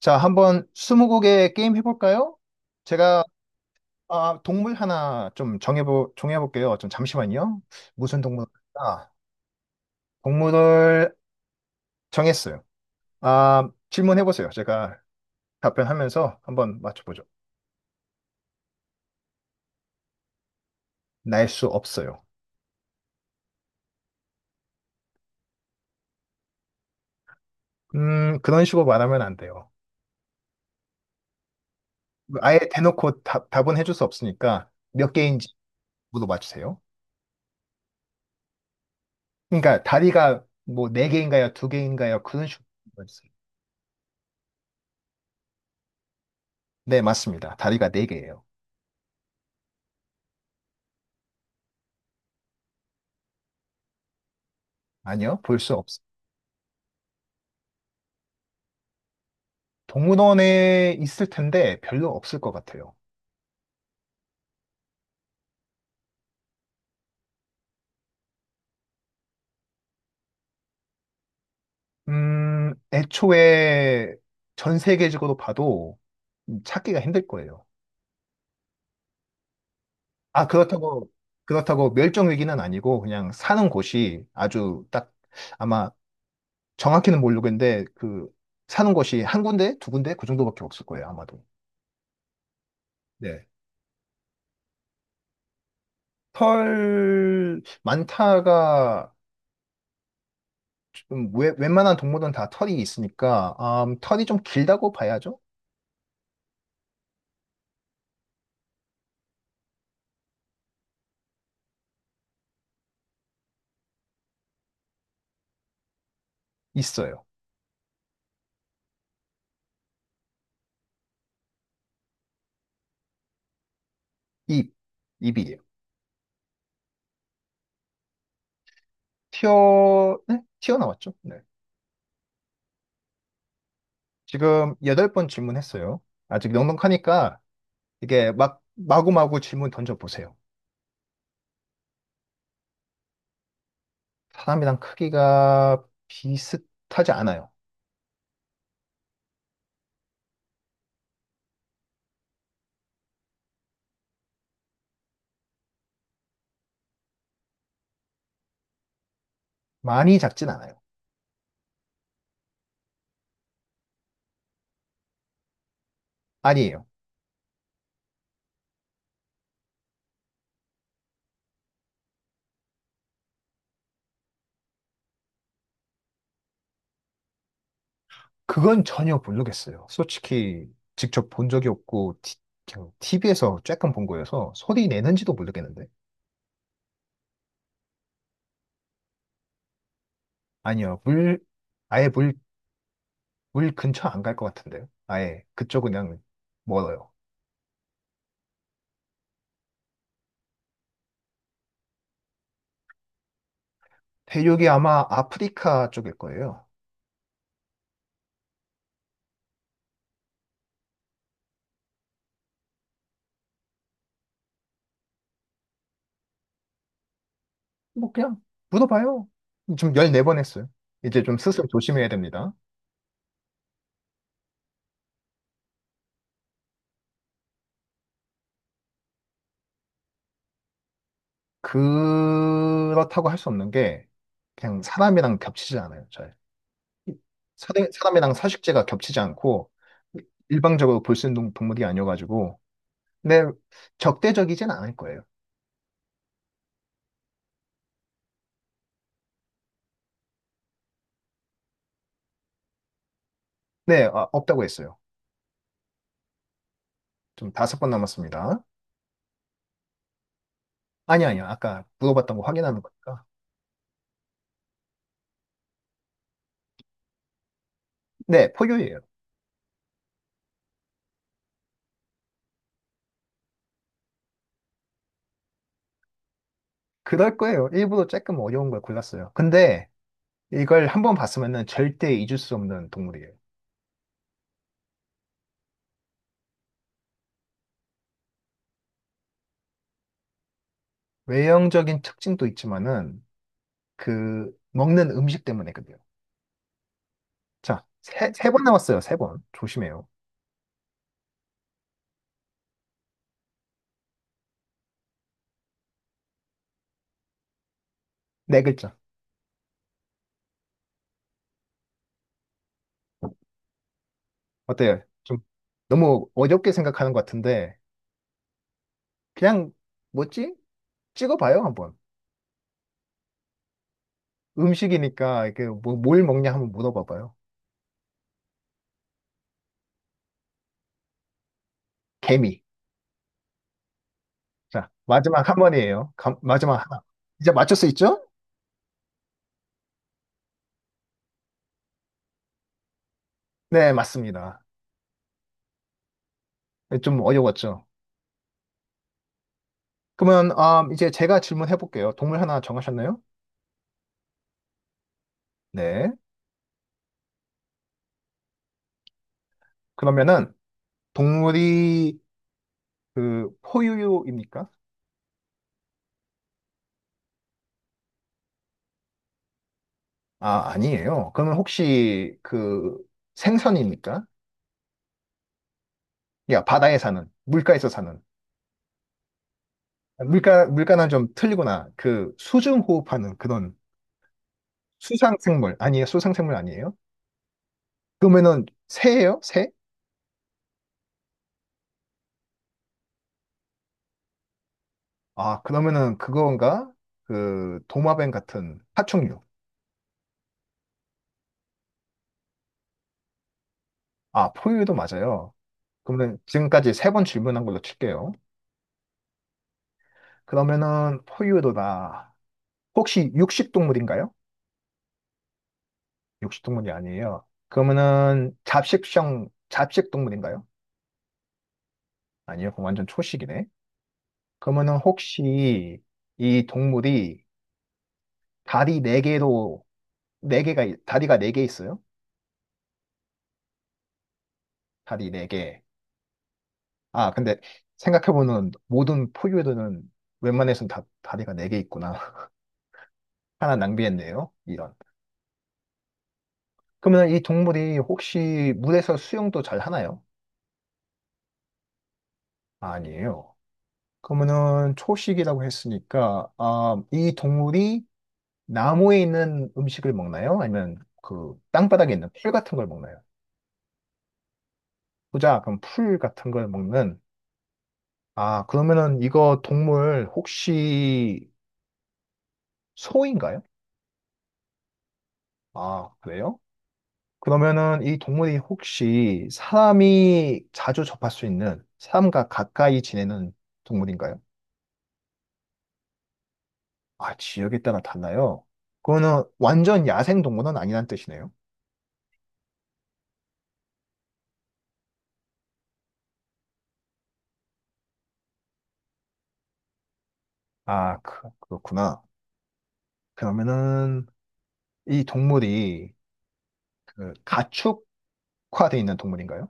자, 한번 스무고개 게임 해볼까요? 제가 아, 동물 하나 좀 정해보, 정해볼게요. 좀 잠시만요. 무슨 동물일까? 동물을 정했어요. 아, 질문해보세요. 제가 답변하면서 한번 맞춰보죠. 날 수 없어요. 그런 식으로 말하면 안 돼요. 아예 대놓고 답은 해줄 수 없으니까 몇 개인지 물어봐주세요. 그러니까 다리가 뭐 네 개인가요? 두 개인가요? 그런 식으로 물어봐주세요. 네, 맞습니다. 다리가 네 개예요. 아니요, 볼 수 없어요. 동물원에 있을 텐데 별로 없을 것 같아요. 애초에 전 세계적으로 봐도 찾기가 힘들 거예요. 아, 그렇다고, 그렇다고 멸종 위기는 아니고 그냥 사는 곳이 아주 딱 아마 정확히는 모르겠는데 그 사는 곳이 한 군데, 두 군데 그 정도밖에 없을 거예요, 아마도. 네. 털 많다가 좀 웬만한 동물은 다 털이 있으니까 털이 좀 길다고 봐야죠. 있어요. 입, 입이. 튀어, 네? 튀어나왔죠? 네. 지금 여덟 번 질문했어요. 아직 넉넉하니까 이게 막 마구마구 질문 던져보세요. 사람이랑 크기가 비슷하지 않아요. 많이 작진 않아요. 아니에요. 그건 전혀 모르겠어요. 솔직히 직접 본 적이 없고 TV에서 쬐끔 본 거여서 소리 내는지도 모르겠는데. 아니요. 아예 물, 물 근처 안 갈 것 같은데요. 아예 그쪽은 그냥 멀어요. 대륙이 아마 아프리카 쪽일 거예요. 뭐 그냥 물어봐요. 지금 14번 했어요. 이제 좀 스스로 조심해야 됩니다. 그렇다고 할 수 없는 게 그냥 사람이랑 겹치지 않아요. 잘. 사람이랑 서식지가 겹치지 않고 일방적으로 볼 수 있는 동물이 아니어가지고 근데 적대적이진 않을 거예요. 네, 아, 없다고 했어요. 좀 다섯 번 남았습니다. 아니, 아니요. 아까 물어봤던 거 확인하는 거니까. 네, 포유예요. 그럴 거예요. 일부러 조금 어려운 걸 골랐어요. 근데 이걸 한 번 봤으면은 절대 잊을 수 없는 동물이에요. 외형적인 특징도 있지만은 그 먹는 음식 때문에거든요. 자, 세 번 나왔어요. 세 번. 조심해요. 네 글자. 어때요? 좀 너무 어렵게 생각하는 것 같은데 그냥 뭐지? 찍어봐요 한번. 음식이니까 이게 뭘 먹냐 한번 물어봐봐요. 개미. 자, 마지막 한 번이에요. 마지막 하나. 이제 맞출 수 있죠? 네, 맞습니다. 좀 어려웠죠. 그러면 아, 이제 제가 질문해 볼게요. 동물 하나 정하셨나요? 네. 그러면은 동물이 그 포유류입니까? 아, 아니에요. 그러면 혹시 그 생선입니까? 야, 바다에 사는, 물가에서 사는. 물가는 좀 틀리구나. 그 수중 호흡하는 그런 수상생물. 아니에요. 수상생물 아니에요? 그러면은 새예요? 새? 아, 그러면은 그건가? 그 도마뱀 같은 파충류. 아, 포유류도 맞아요. 그러면 지금까지 세 번 질문한 걸로 칠게요. 그러면은 포유류다. 혹시 육식동물인가요? 육식동물이 아니에요. 그러면은 잡식동물인가요? 아니요, 그럼 완전 초식이네. 그러면은 혹시 이 동물이 다리 네개로네개가 다리가 네 개 있어요? 다리 네개 아, 근데 생각해보면 모든 포유류는 웬만해는다 다리가 네 개 있구나. 하나 낭비했네요. 이런. 그러면 이 동물이 혹시 물에서 수영도 잘 하나요? 아니에요. 그러면은 초식이라고 했으니까 아, 이 동물이 나무에 있는 음식을 먹나요? 아니면 그 땅바닥에 있는 풀 같은 걸 먹나요? 보자, 그럼 풀 같은 걸 먹는. 아, 그러면은 이거 동물 혹시 소인가요? 아, 그래요? 그러면은 이 동물이 혹시 사람이 자주 접할 수 있는 사람과 가까이 지내는 동물인가요? 아, 지역에 따라 달라요. 그거는 완전 야생 동물은 아니란 뜻이네요. 아, 그렇구나. 그러면은 이 동물이 그 가축화돼 있는 동물인가요?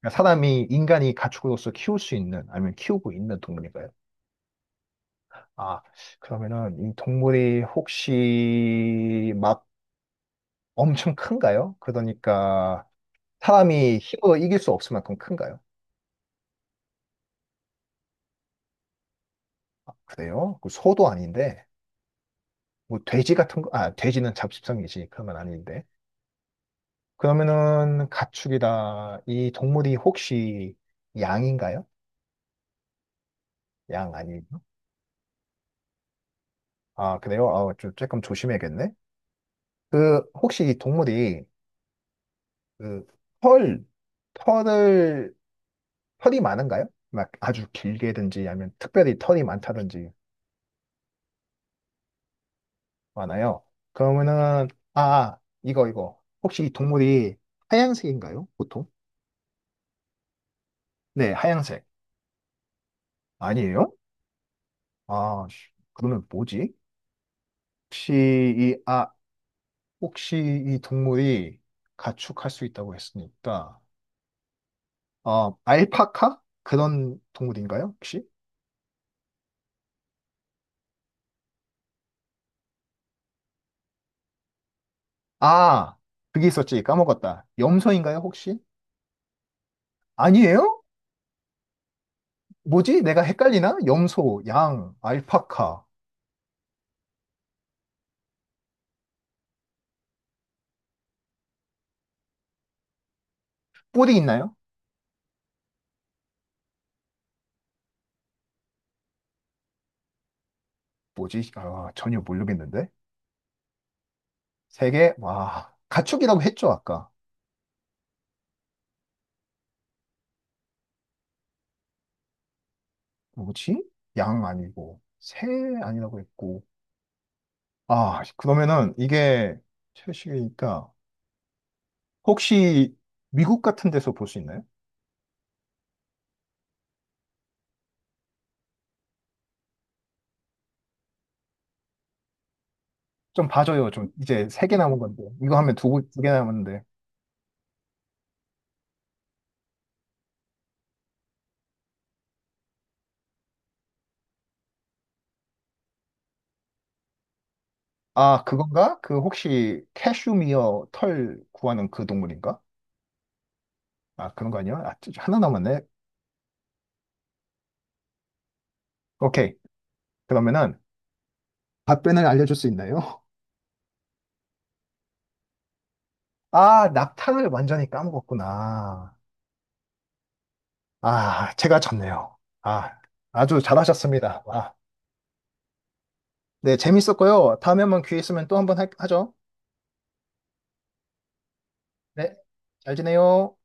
그러니까 사람이 인간이 가축으로서 키울 수 있는 아니면 키우고 있는 동물인가요? 아, 그러면은 이 동물이 혹시 막 엄청 큰가요? 그러니까 사람이 힘으로 이길 수 없을 만큼 큰가요? 그래요? 그 소도 아닌데 뭐 돼지 같은 거, 아, 돼지는 잡식성이지. 그러면 아닌데. 그러면은 가축이다. 이 동물이 혹시 양인가요? 양 아니에요? 아, 그래요? 아, 조금 조심해야겠네. 그, 혹시 이 동물이, 그, 털, 털을, 털이 많은가요? 막 아주 길게든지, 아니면 특별히 털이 많다든지, 많아요. 그러면은, 아, 이거. 혹시 이 동물이 하얀색인가요? 보통? 네, 하얀색. 아니에요? 아, 씨, 그러면 뭐지? 혹시 이, 아, 혹시 이 동물이 가축할 수 있다고 했으니까, 어, 알파카? 그런 동물인가요, 혹시? 아, 그게 있었지. 까먹었다. 염소인가요, 혹시? 아니에요? 뭐지? 내가 헷갈리나? 염소, 양, 알파카. 뿔이 있나요? 뭐지? 아, 전혀 모르겠는데. 세 개? 와, 가축이라고 했죠, 아까. 뭐지? 양 아니고, 새 아니라고 했고. 아, 그러면은 이게 채식이니까 혹시 미국 같은 데서 볼 수 있나요? 좀 봐줘요. 좀 이제 세 개 남은 건데. 이거 하면 두개 남았는데. 아, 그건가? 그 혹시 캐슈미어 털 구하는 그 동물인가? 아, 그런 거 아니야? 아, 진짜 하나 남았네. 오케이. 그러면은 답변을 알려줄 수 있나요? 아, 낙타를 완전히 까먹었구나. 아, 제가 졌네요. 아, 아주 잘하셨습니다. 아, 네, 재밌었고요. 다음에 한번 기회 있으면 또 한번 하죠. 네, 잘 지내요.